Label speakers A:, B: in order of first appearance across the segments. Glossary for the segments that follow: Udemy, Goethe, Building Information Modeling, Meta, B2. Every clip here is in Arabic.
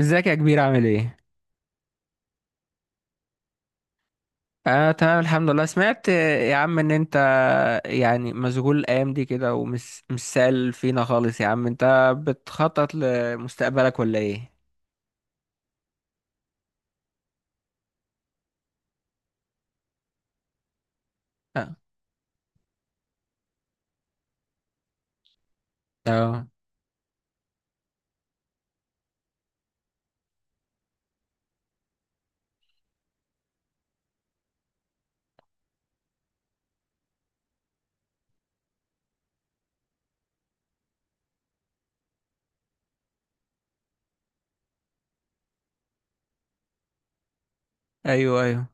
A: ازيك يا كبير؟ عامل ايه؟ اه، تمام الحمد لله. سمعت يا عم ان انت يعني مشغول الايام دي كده، ومش مش سال فينا خالص. يا عم، انت بتخطط لمستقبلك ولا ايه؟ اه. اه. ايوه ايوه.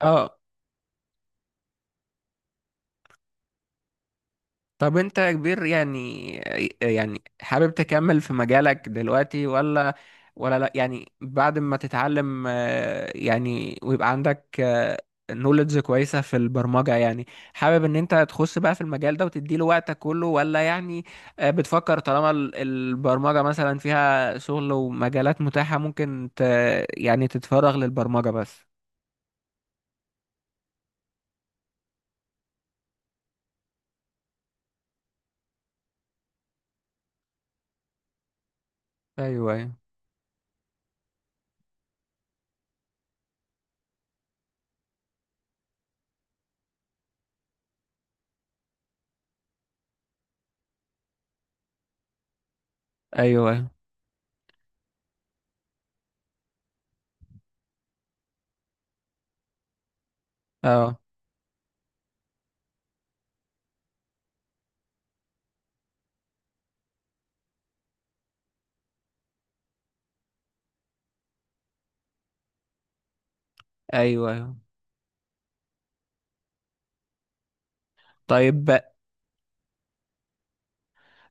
A: اه. طب انت يا كبير، يعني يعني حابب تكمل في مجالك دلوقتي ولا ولا؟ لا يعني بعد ما تتعلم، يعني ويبقى عندك نوليدج كويسة في البرمجة، يعني حابب ان انت تخش بقى في المجال ده وتديله وقتك كله؟ ولا يعني بتفكر طالما البرمجة مثلا فيها شغل ومجالات متاحة، ممكن ت يعني تتفرغ للبرمجة بس؟ ايوه ايوه. ايوه. اه. ايوه ايوه. طيب.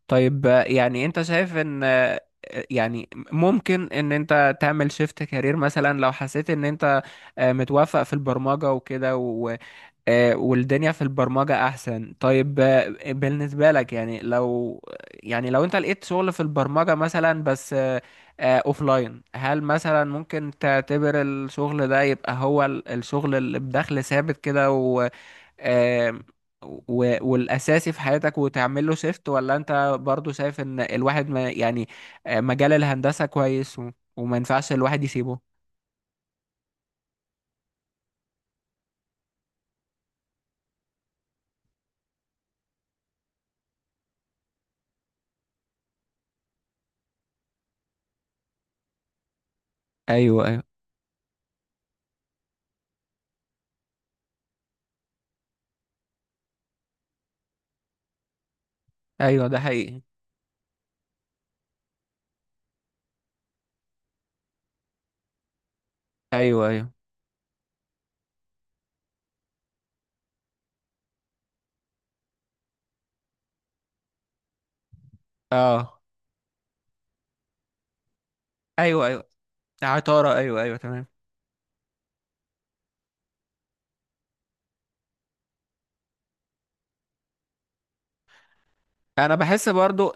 A: طيب، يعني انت شايف ان، يعني ممكن ان انت تعمل شيفت كارير مثلا لو حسيت ان انت متوافق في البرمجة وكده والدنيا في البرمجة احسن؟ طيب، بالنسبة لك يعني لو يعني لو انت لقيت شغل في البرمجة مثلا بس اوفلاين، هل مثلا ممكن تعتبر الشغل ده يبقى هو الشغل اللي بدخل ثابت كده، آم، والاساسي في حياتك وتعمل له شيفت؟ ولا انت برضو شايف ان الواحد ما يعني مجال الهندسة كويس وما ينفعش الواحد يسيبه؟ ايوه ايوه. ايوه ده حقيقي. ايوه ايوه. اه. ايوه ايوه، عطارة، ايوه ايوه تمام. انا بحس برضو.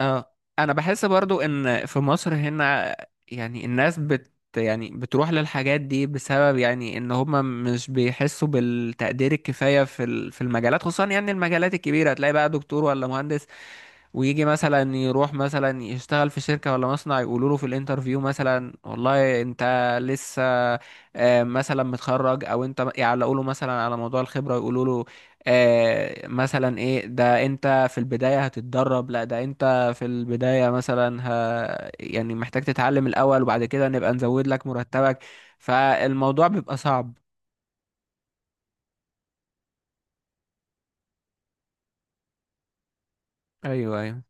A: اه، انا بحس برضو ان في مصر هنا يعني الناس بت يعني بتروح للحاجات دي بسبب يعني ان هما مش بيحسوا بالتقدير الكفاية في في المجالات، خصوصا يعني المجالات الكبيرة. تلاقي بقى دكتور ولا مهندس ويجي مثلا يروح مثلا يشتغل في شركة ولا مصنع، يقولوا له في الانترفيو مثلا والله انت لسه مثلا متخرج، او انت يعلقوا له مثلا على موضوع الخبرة، يقولوا له مثلا ايه ده انت في البداية هتتدرب. لا ده انت في البداية مثلا يعني محتاج تتعلم الاول، وبعد كده نبقى نزود لك مرتبك. فالموضوع بيبقى صعب. ايوه ايوه.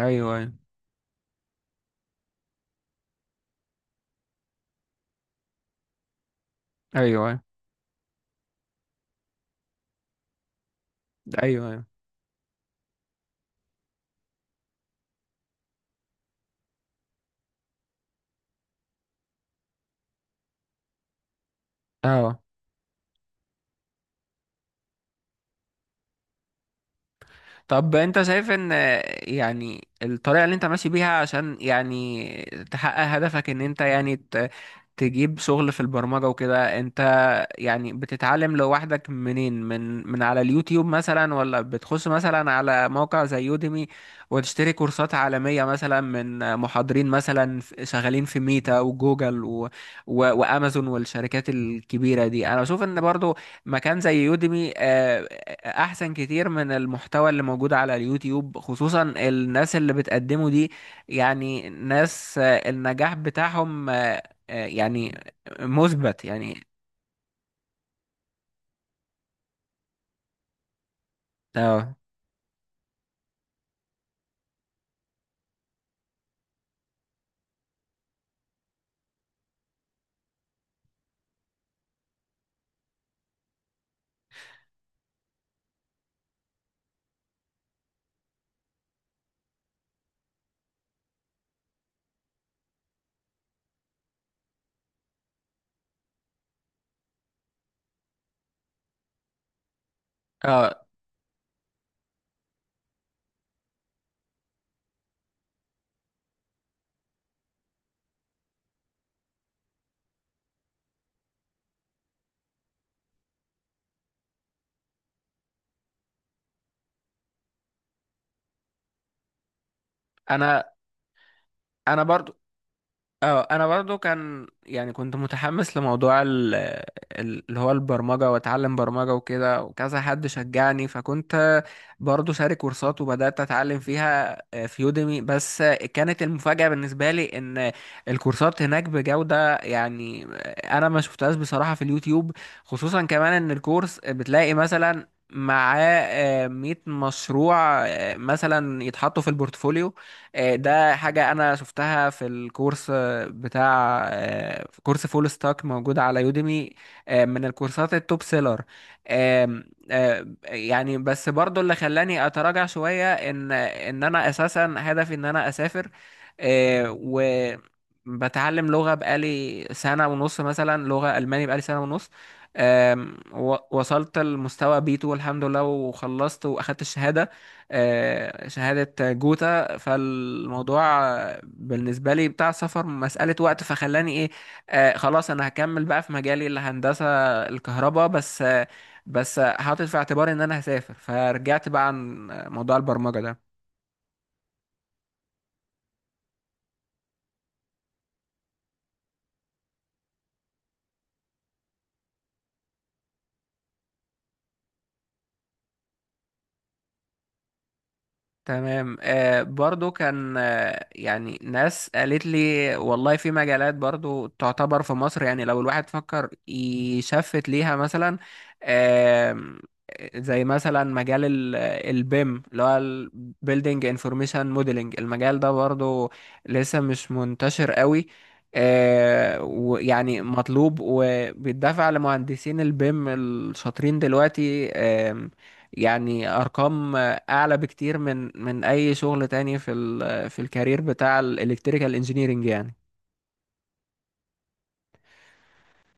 A: ايوه ايوه. ايوه ايوه. أيوة. طب انت شايف ان يعني الطريقة اللي انت ماشي بيها عشان يعني تحقق هدفك، ان انت يعني تجيب شغل في البرمجة وكده، انت يعني بتتعلم لوحدك منين؟ من على اليوتيوب مثلا، ولا بتخش مثلا على موقع زي يوديمي وتشتري كورسات عالمية مثلا من محاضرين مثلا شغالين في ميتا وجوجل و وامازون والشركات الكبيرة دي؟ انا بشوف ان برضو مكان زي يوديمي، احسن كتير من المحتوى اللي موجود على اليوتيوب. خصوصا الناس اللي بتقدمه دي يعني ناس النجاح بتاعهم يعني مثبت يعني. اه. اه. انا برضو. اه انا برضو كان يعني كنت متحمس لموضوع اللي هو البرمجة، واتعلم برمجة وكده، وكذا حد شجعني، فكنت برضو شارك كورسات وبدأت اتعلم فيها، في يوديمي بس. كانت المفاجأة بالنسبة لي ان الكورسات هناك بجودة يعني، انا ما شفتهاش بصراحة في اليوتيوب. خصوصا كمان ان الكورس بتلاقي مثلا معاه مية مشروع مثلا يتحطوا في البورتفوليو. ده حاجة أنا شفتها في الكورس بتاع كورس فول ستاك موجود على يوديمي، من الكورسات التوب سيلر. آم، يعني بس برضو اللي خلاني اتراجع شوية ان انا اساسا هدفي ان انا اسافر. و بتعلم لغة بقالي سنة ونص مثلا، لغة ألماني بقالي سنة ونص، وصلت لمستوى بي 2 الحمد لله، وخلصت وأخدت الشهادة، شهادة جوتا. فالموضوع بالنسبة لي بتاع السفر مسألة وقت، فخلاني ايه، آه خلاص انا هكمل بقى في مجالي الهندسة الكهرباء بس. آه بس حاطط في اعتباري ان انا هسافر، فرجعت بقى عن موضوع البرمجة ده. تمام. آه برضو كان آه يعني ناس قالت لي والله في مجالات برضو تعتبر في مصر يعني لو الواحد فكر يشفت ليها مثلا، آه، زي مثلا مجال البيم، اللي هو ال Building Information Modeling. المجال ده برضو لسه مش منتشر قوي. آه، ويعني مطلوب وبيدفع لمهندسين البيم الشاطرين دلوقتي، آه يعني ارقام اعلى بكتير من اي شغل تاني في ال في الكارير بتاع الالكتريكال انجينيرنج يعني.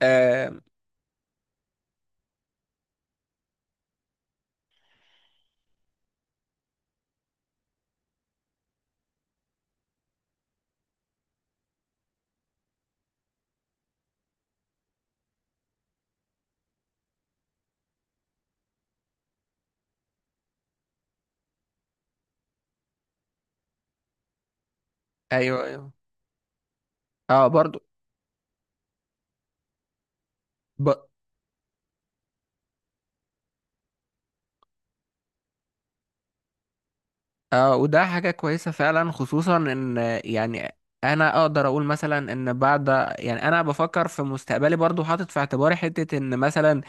A: آه. ايوه ايوه. اه برضو. ب... آه وده حاجة كويسة فعلا، خصوصا ان يعني انا اقدر اقول مثلا ان بعد، يعني انا بفكر في مستقبلي برضو، حاطط في اعتباري حتة ان مثلا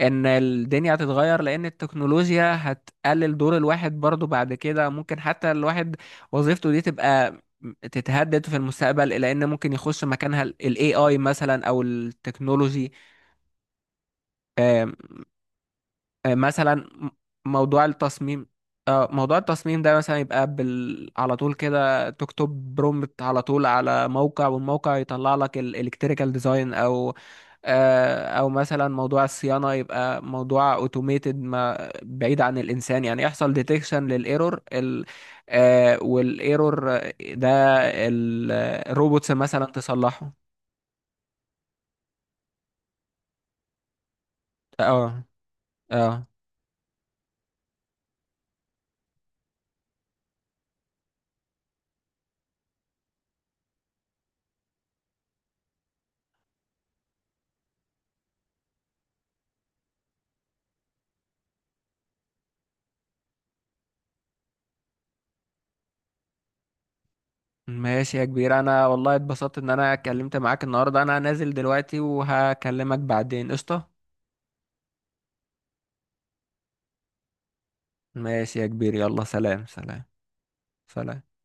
A: ان الدنيا هتتغير، لان التكنولوجيا هتقلل دور الواحد برضو بعد كده، ممكن حتى الواحد وظيفته دي تبقى تتهدد في المستقبل، لان ممكن يخش مكانها الاي اي مثلا او التكنولوجي. مثلا موضوع التصميم، موضوع التصميم ده مثلا يبقى على طول كده تكتب برومبت على طول على موقع، والموقع يطلع لك الالكتريكال ديزاين، او او مثلا موضوع الصيانة يبقى موضوع اوتوميتد ما بعيد عن الانسان، يعني يحصل ديتكشن للايرور والايرور ده ال- الروبوتس مثلا تصلحه. اه. اه. ماشي يا كبير، انا والله اتبسطت ان انا اتكلمت معاك النهارده. انا نازل دلوقتي وهكلمك بعدين، قشطة. ماشي يا كبير، يلا سلام. سلام. سلام.